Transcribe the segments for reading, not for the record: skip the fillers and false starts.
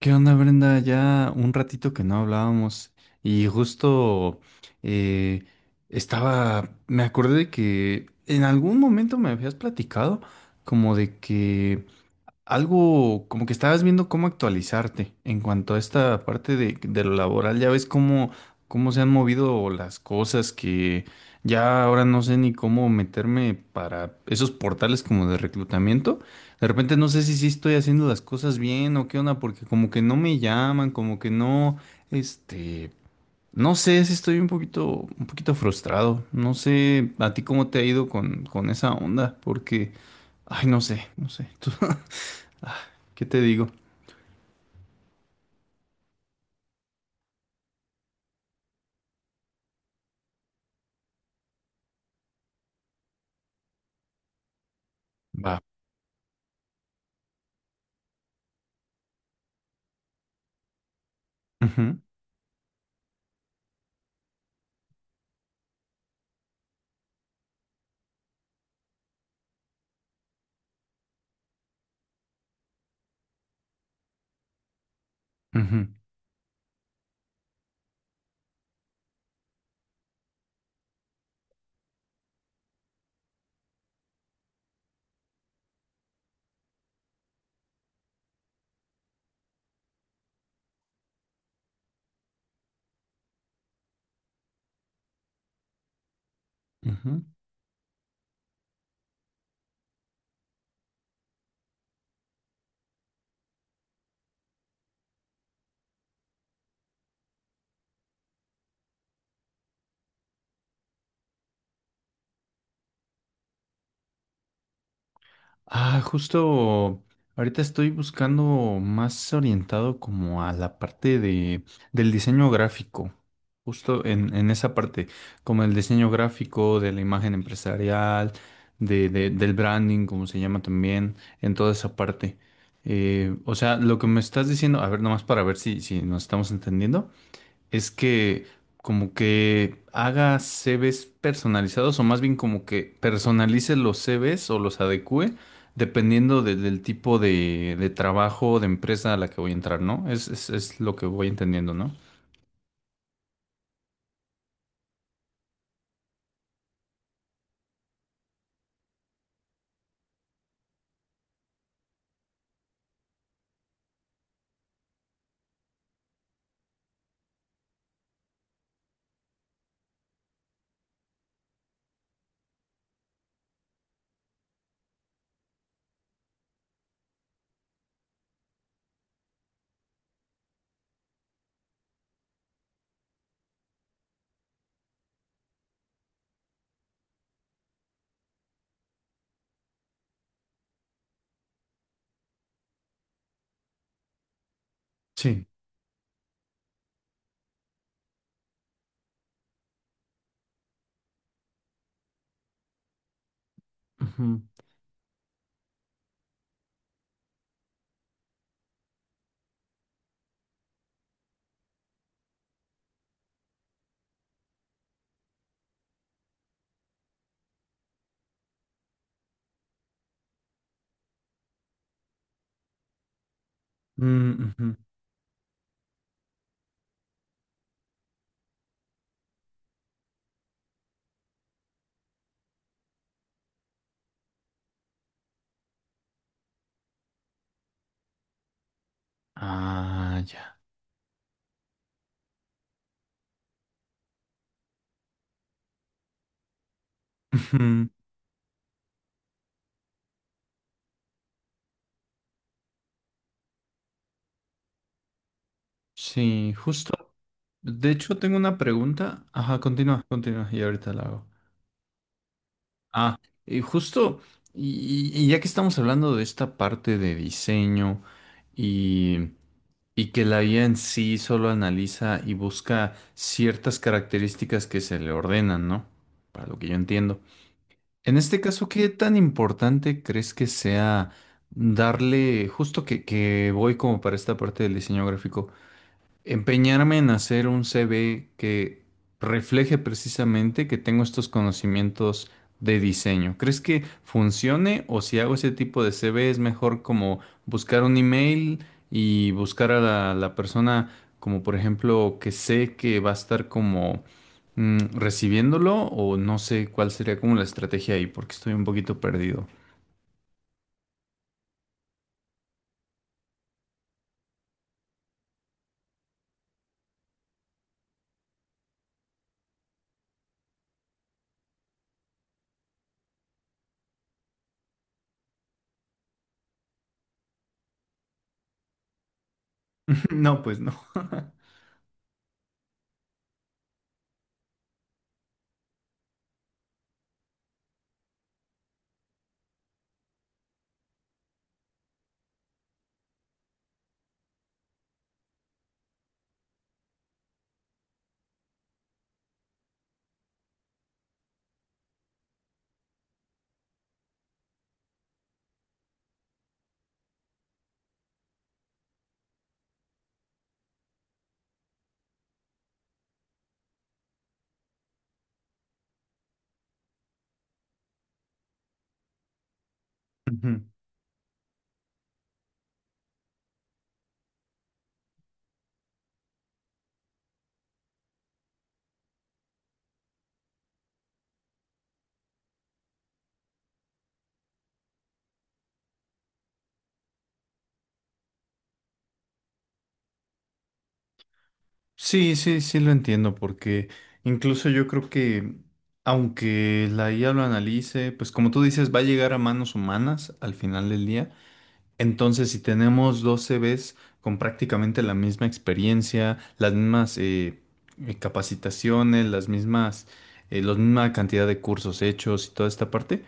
¿Qué onda, Brenda? Ya un ratito que no hablábamos y justo eh, estaba, me acordé de que en algún momento me habías platicado como de que algo como que estabas viendo cómo actualizarte en cuanto a esta parte de lo laboral, ya ves cómo, cómo se han movido las cosas que ya ahora no sé ni cómo meterme para esos portales como de reclutamiento. De repente no sé si sí estoy haciendo las cosas bien o qué onda, porque como que no me llaman, como que no, este, no sé si estoy un poquito frustrado. No sé a ti cómo te ha ido con esa onda, porque, ay, no sé, no sé. Tú- Ah, ¿qué te digo? Va. Ujú, ujú, ujú. Ah, justo ahorita estoy buscando más orientado como a la parte del diseño gráfico, justo en esa parte, como el diseño gráfico de la imagen empresarial, de- del branding, como se llama también, en toda esa parte. O sea, lo que me estás diciendo, a ver, nomás para ver si, si nos estamos entendiendo, es que como que haga CVs personalizados o más bien como que personalice los CVs o los adecue dependiendo de- del tipo de trabajo o de empresa a la que voy a entrar, ¿no? Es lo que voy entendiendo, ¿no? Sí. Ujú. Mm, ujú. Ah, ya. Ujú. Sí, justo. De hecho, tengo una pregunta. Ajá, continúa, continúa y ahorita la hago. Ah, justo, y ya que estamos hablando de esta parte de diseño y, y que la IA en sí solo analiza y busca ciertas características que se le ordenan, ¿no? Para lo que yo entiendo. En este caso, ¿qué tan importante crees que sea darle, justo que voy como para esta parte del diseño gráfico? Empeñarme en hacer un CV que refleje precisamente que tengo estos conocimientos de diseño. ¿Crees que funcione o si hago ese tipo de CV es mejor como buscar un email y buscar a la persona como por ejemplo que sé que va a estar como recibiéndolo o no sé cuál sería como la estrategia ahí porque estoy un poquito perdido. No, pues no. Ujú. Sí, sí, sí lo entiendo, porque incluso yo creo que aunque la IA lo analice, pues como tú dices, va a llegar a manos humanas al final del día. Entonces, si tenemos dos CVs con prácticamente la misma experiencia, las mismas capacitaciones, las mismas, la misma cantidad de cursos hechos y toda esta parte,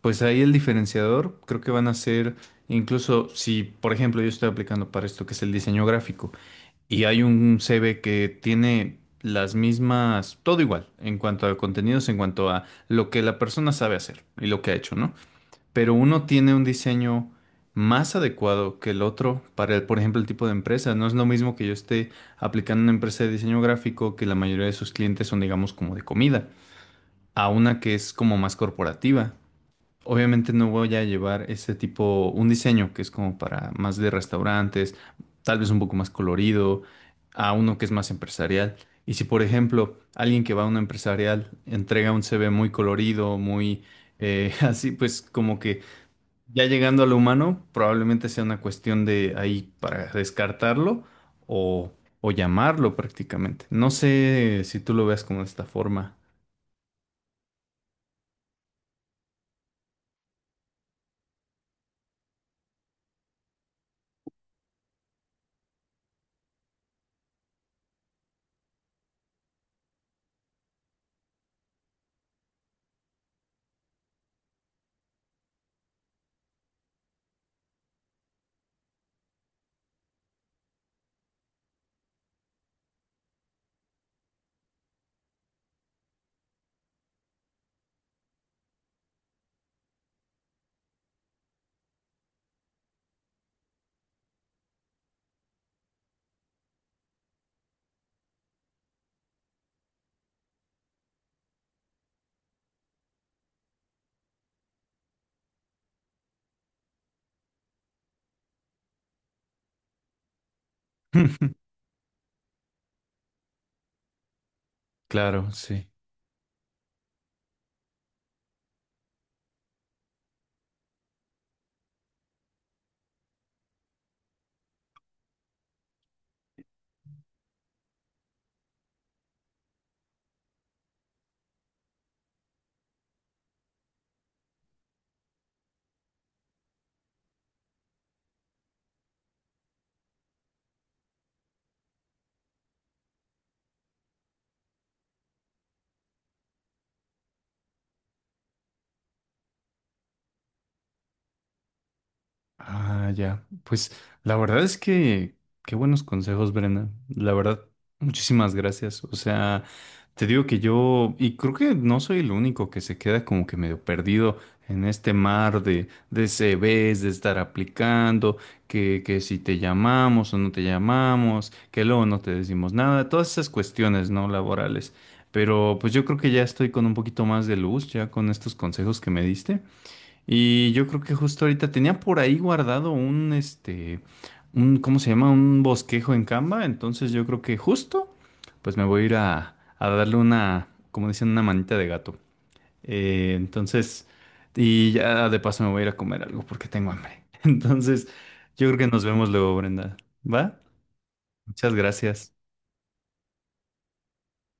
pues ahí el diferenciador creo que van a ser, incluso si, por ejemplo, yo estoy aplicando para esto que es el diseño gráfico y hay un CV que tiene las mismas, todo igual, en cuanto a contenidos, en cuanto a lo que la persona sabe hacer y lo que ha hecho, ¿no? Pero uno tiene un diseño más adecuado que el otro para, el- por ejemplo, el tipo de empresa. No es lo mismo que yo esté aplicando una empresa de diseño gráfico que la mayoría de sus clientes son, digamos, como de comida, a una que es como más corporativa. Obviamente no voy a llevar ese tipo, un diseño que es como para más de restaurantes, tal vez un poco más colorido, a uno que es más empresarial. Y si, por ejemplo, alguien que va a una empresarial entrega un CV muy colorido, muy así, pues como que ya llegando a lo humano, probablemente sea una cuestión de ahí para descartarlo o, o llamarlo prácticamente. No sé si tú lo veas como de esta forma. Claro, sí. Ah, ya. Pues la verdad es que qué buenos consejos, Brenda. La verdad, muchísimas gracias. O sea, te digo que yo, y creo que no soy el único que se queda como que medio perdido en este mar de CVs, de estar aplicando, que si te llamamos o no te llamamos, que luego no te decimos nada, todas esas cuestiones, ¿no? Laborales. Pero pues yo creo que ya estoy con un poquito más de luz ya con estos consejos que me diste. Y yo creo que justo ahorita tenía por ahí guardado un, ¿cómo se llama? Un bosquejo en Canva. Entonces yo creo que justo, pues me voy a ir a darle una, como dicen, una manita de gato. Entonces, y ya de paso me voy a ir a comer algo porque tengo hambre. Entonces, yo creo que nos vemos luego, Brenda. ¿Va? Muchas gracias.